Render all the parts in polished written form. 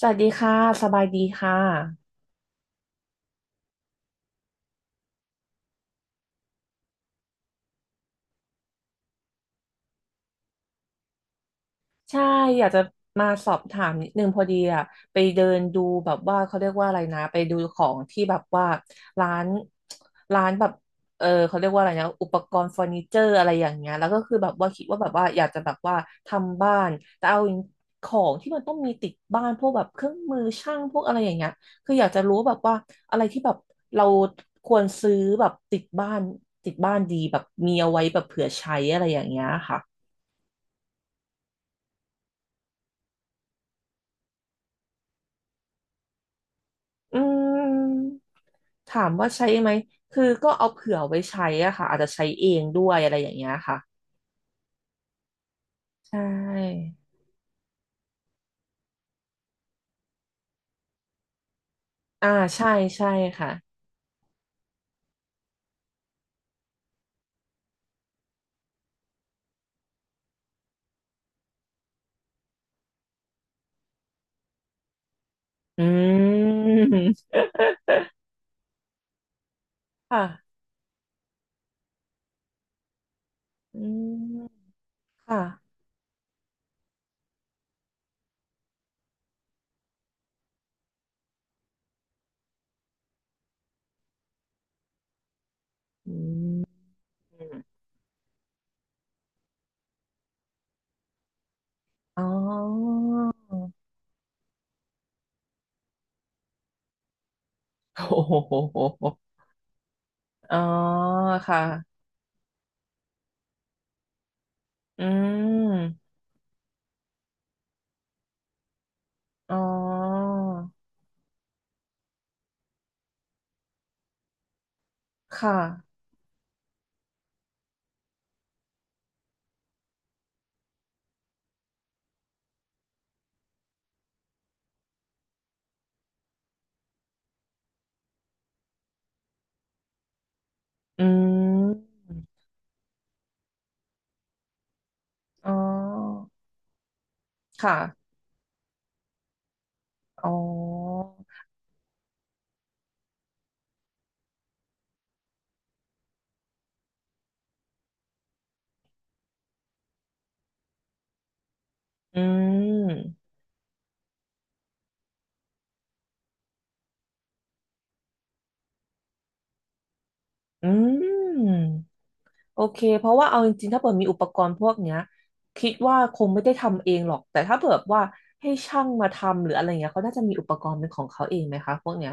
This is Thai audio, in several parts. สวัสดีค่ะสบายดีค่ะ ใช่อยากจะมาสอบถามนิดนึงพอดีอะไปเดินดูแบบว่าเขาเรียกว่าอะไรนะไปดูของที่แบบว่าร้านร้านแบบเขาเรียกว่าอะไรนะอุปกรณ์เฟอร์นิเจอร์อะไรอย่างเงี้ยแล้วก็คือแบบว่าคิดว่าแบบว่าอยากจะแบบว่าทำบ้านแต่เอาของที่มันต้องมีติดบ้านพวกแบบเครื่องมือช่างพวกอะไรอย่างเงี้ยคืออยากจะรู้แบบว่าอะไรที่แบบเราควรซื้อแบบติดบ้านติดบ้านดีแบบมีเอาไว้แบบเผื่อใช้อะไรอย่างเงี้ยค่ะอืม ถามว่าใช้ไหมคือก็เอาเผื่อไว้ใช้อะค่ะอาจจะใช้เองด้วยอะไรอย่างเงี้ยค่ะ ใช่อ่าใช่ใช่ค่ะ อืม ค่ะ อืม ค่ะอืมอ๋อโอ้โหอ๋อค่ะอืมอ๋อค่ะอืมอ๋อค่ะอ๋ออืม อืม โอเคเพราะว่าเอาจริงๆถ้าเปิดมีอุปกรณ์พวกเนี้ยคิดว่าคงไม่ได้ทำเองหรอกแต่ถ้าเปิดว่าให้ช่างมาทำหรืออะไรเงี้ยเขาน่าจะมีอุปกรณ์เป็นของเขาเองไหมคะพวกเนี้ย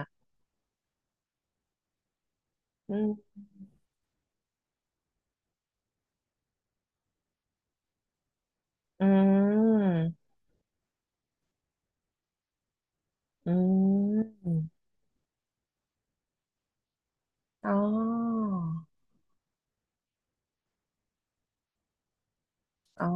อืมอืมอืมอ๋ออ๋อ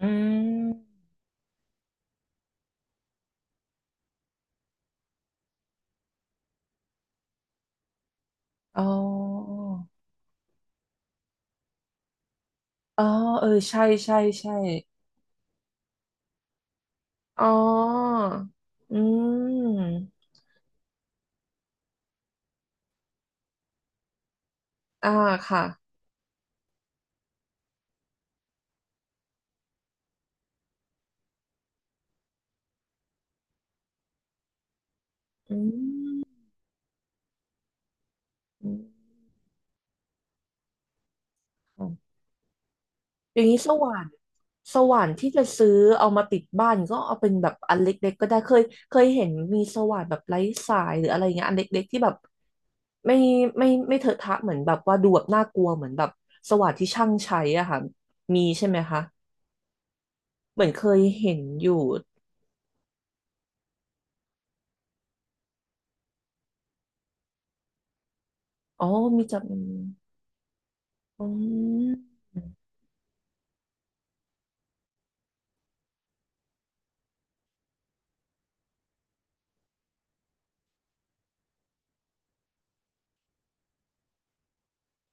อืมอ๋ออ๋อเออใช่ใช่ใช่อ๋ออืมอ่าค่ะอืมอืม อย่างนี้สว่านสว่านที่จะซื้อเอามาติดบ้านก็เอาเป็นแบบอันเล็กๆก็ได้เคยเคยเห็นมีสว่านแบบไร้สายหรืออะไรเงี้ยอันเล็กๆที่แบบไม่ไม่เถอะทะเหมือนแบบว่าดูแบบน่ากลัวเหมือนแบบสว่านที่ช่างใช้อะค่ะมีใช่ไหมคะเหมือนเคยเห็นอยู่อ๋อมีจับมืออืม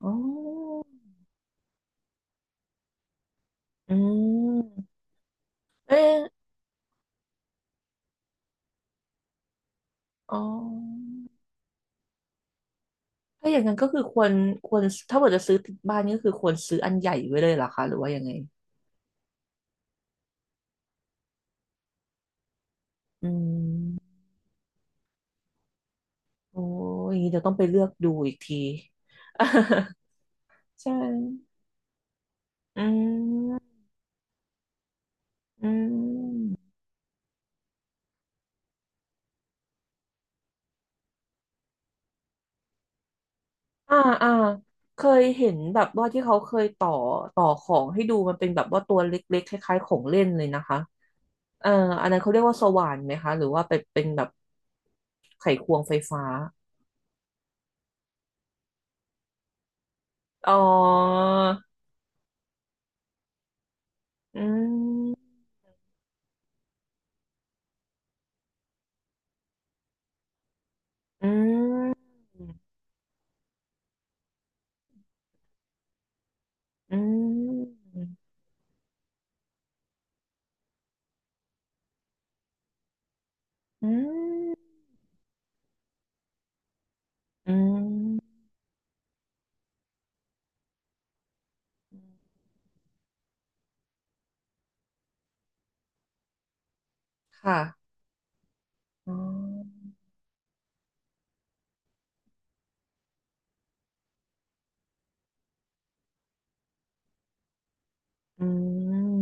อ๋ออืมเอ๊ะอ๋อ ถ้าอย่างนั้นก็คือควรถ้าเกิดจะซื้อติดบ้านนี่ก็คือควรซื้ออันใหญ่ไว้เลยเหรอคะหรือว่ายังไงอืมโอ้ยอย่างนี้เดี๋ยวต้องไปเลือกดูอีกที ใช่ อืมอืมอ่าอ่าเคยเห็นแบบว่าที่เขาเคยต่อของให้ดูมันเป็นแบบว่าตัวเล็กๆคล้ายๆของเล่นเลยนะคะเอ่ออันนั้นเขาเรียกว่าสว่านไหมคะหรือว่าเป็นเป็นแบบไขควงไฟฟ้าอ๋ออืมอืม อืมอืม ค่ะอ๋ออืม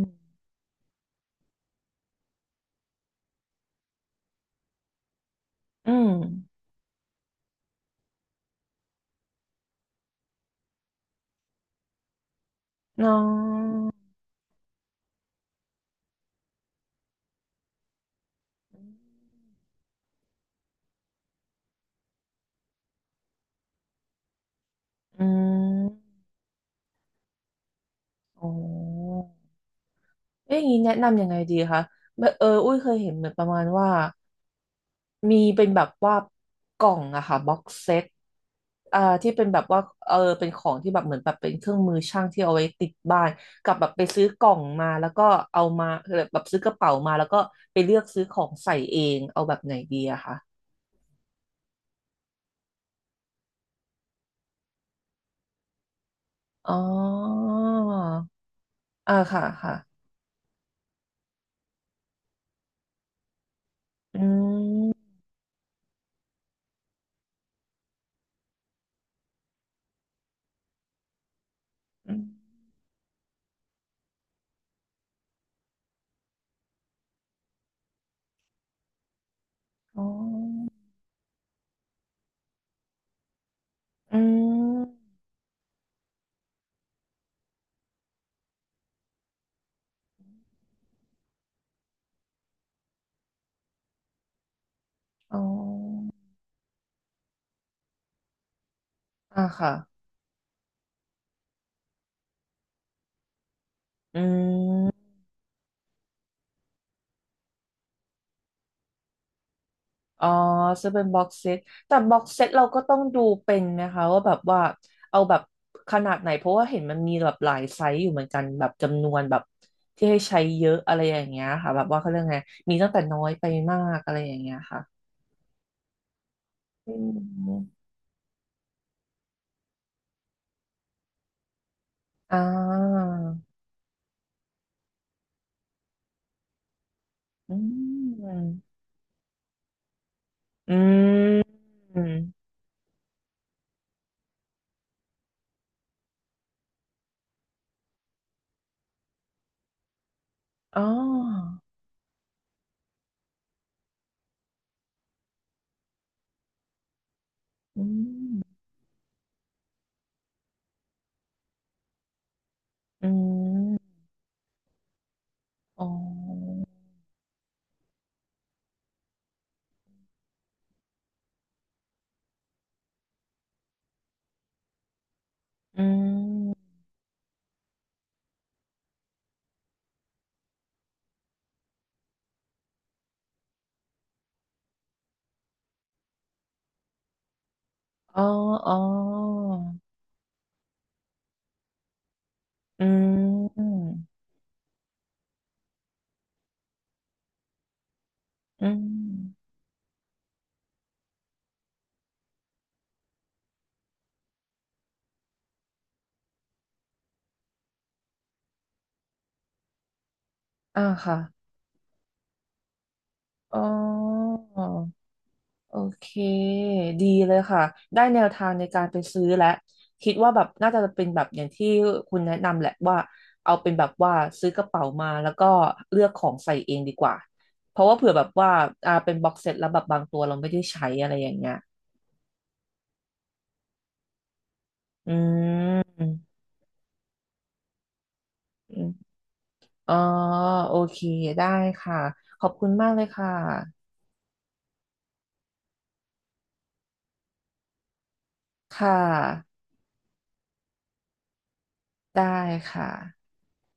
อืมน้องอืมอ๋อเอ๊ะอย่างนี้แนะนำยังไงดีคะแบบอุ้ยเคยเห็นเหมือนประมาณว่า มีเป็นแบบว่ากล่องอะค่ะบ็อกเซตอ่าที่เป็นแบบว่าเป็นของที่แบบเหมือนแบบเป็นเครื่องมือช่างที่เอาไว้ติดบ้านกับแบบไปซื้อกล่องมาแล้วก็เอามาแบบซื้อกระเป๋ามาแล้วก็ไปเลือกซื้อของใส่เองเอาแบบไหนดีอะค่ะอ๋ออ่าค่ะค่ะอืมอมอ๋ออืมอ๋ออ่าค่ะอืม อ๋อซื้อเป็นบ็อกเซตแต่บ็อกเซตเราก็ต้องดูเป็นไหมคะว่าแบบว่าเอาแบบขนาดไหนเพราะว่าเห็นมันมีแบบหลายไซส์อยู่เหมือนกันแบบจำนวนแบบที่ให้ใช้เยอะอะไรอย่างเงี้ยค่ะแบบว่าเขาเรื่องไงมีตั้งแต่น้อยไปมากอะไรอย่างเงี้ยค่ะอืมอ่าอืมอืมอ๋ออืมอืมอ๋ออืมอ๋ออ๋ออืมอืม อ่าค่ะ อ๋อโอเคดีเลยค่ะได้แนวทางในการไปซื้อแล้ว คิดว่าแบบน่าจะเป็นแบบอย่างที่คุณแนะนำแหละว่า เอาเป็นแบบว่าซื้อกระเป๋ามาแล้วก็เลือกของใส่เองดีกว่าเพราะว่าเผื่อแบบว่าอ่าเป็นบ็อกเซตแล้วแบบบางตัวเราไม่ได้ใช้อะไรอย่างเงี้ยอืมอืมอ๋อโอเคได้ค่ะขอบคุณมากเลยค่ะค่ะได้ค่ะ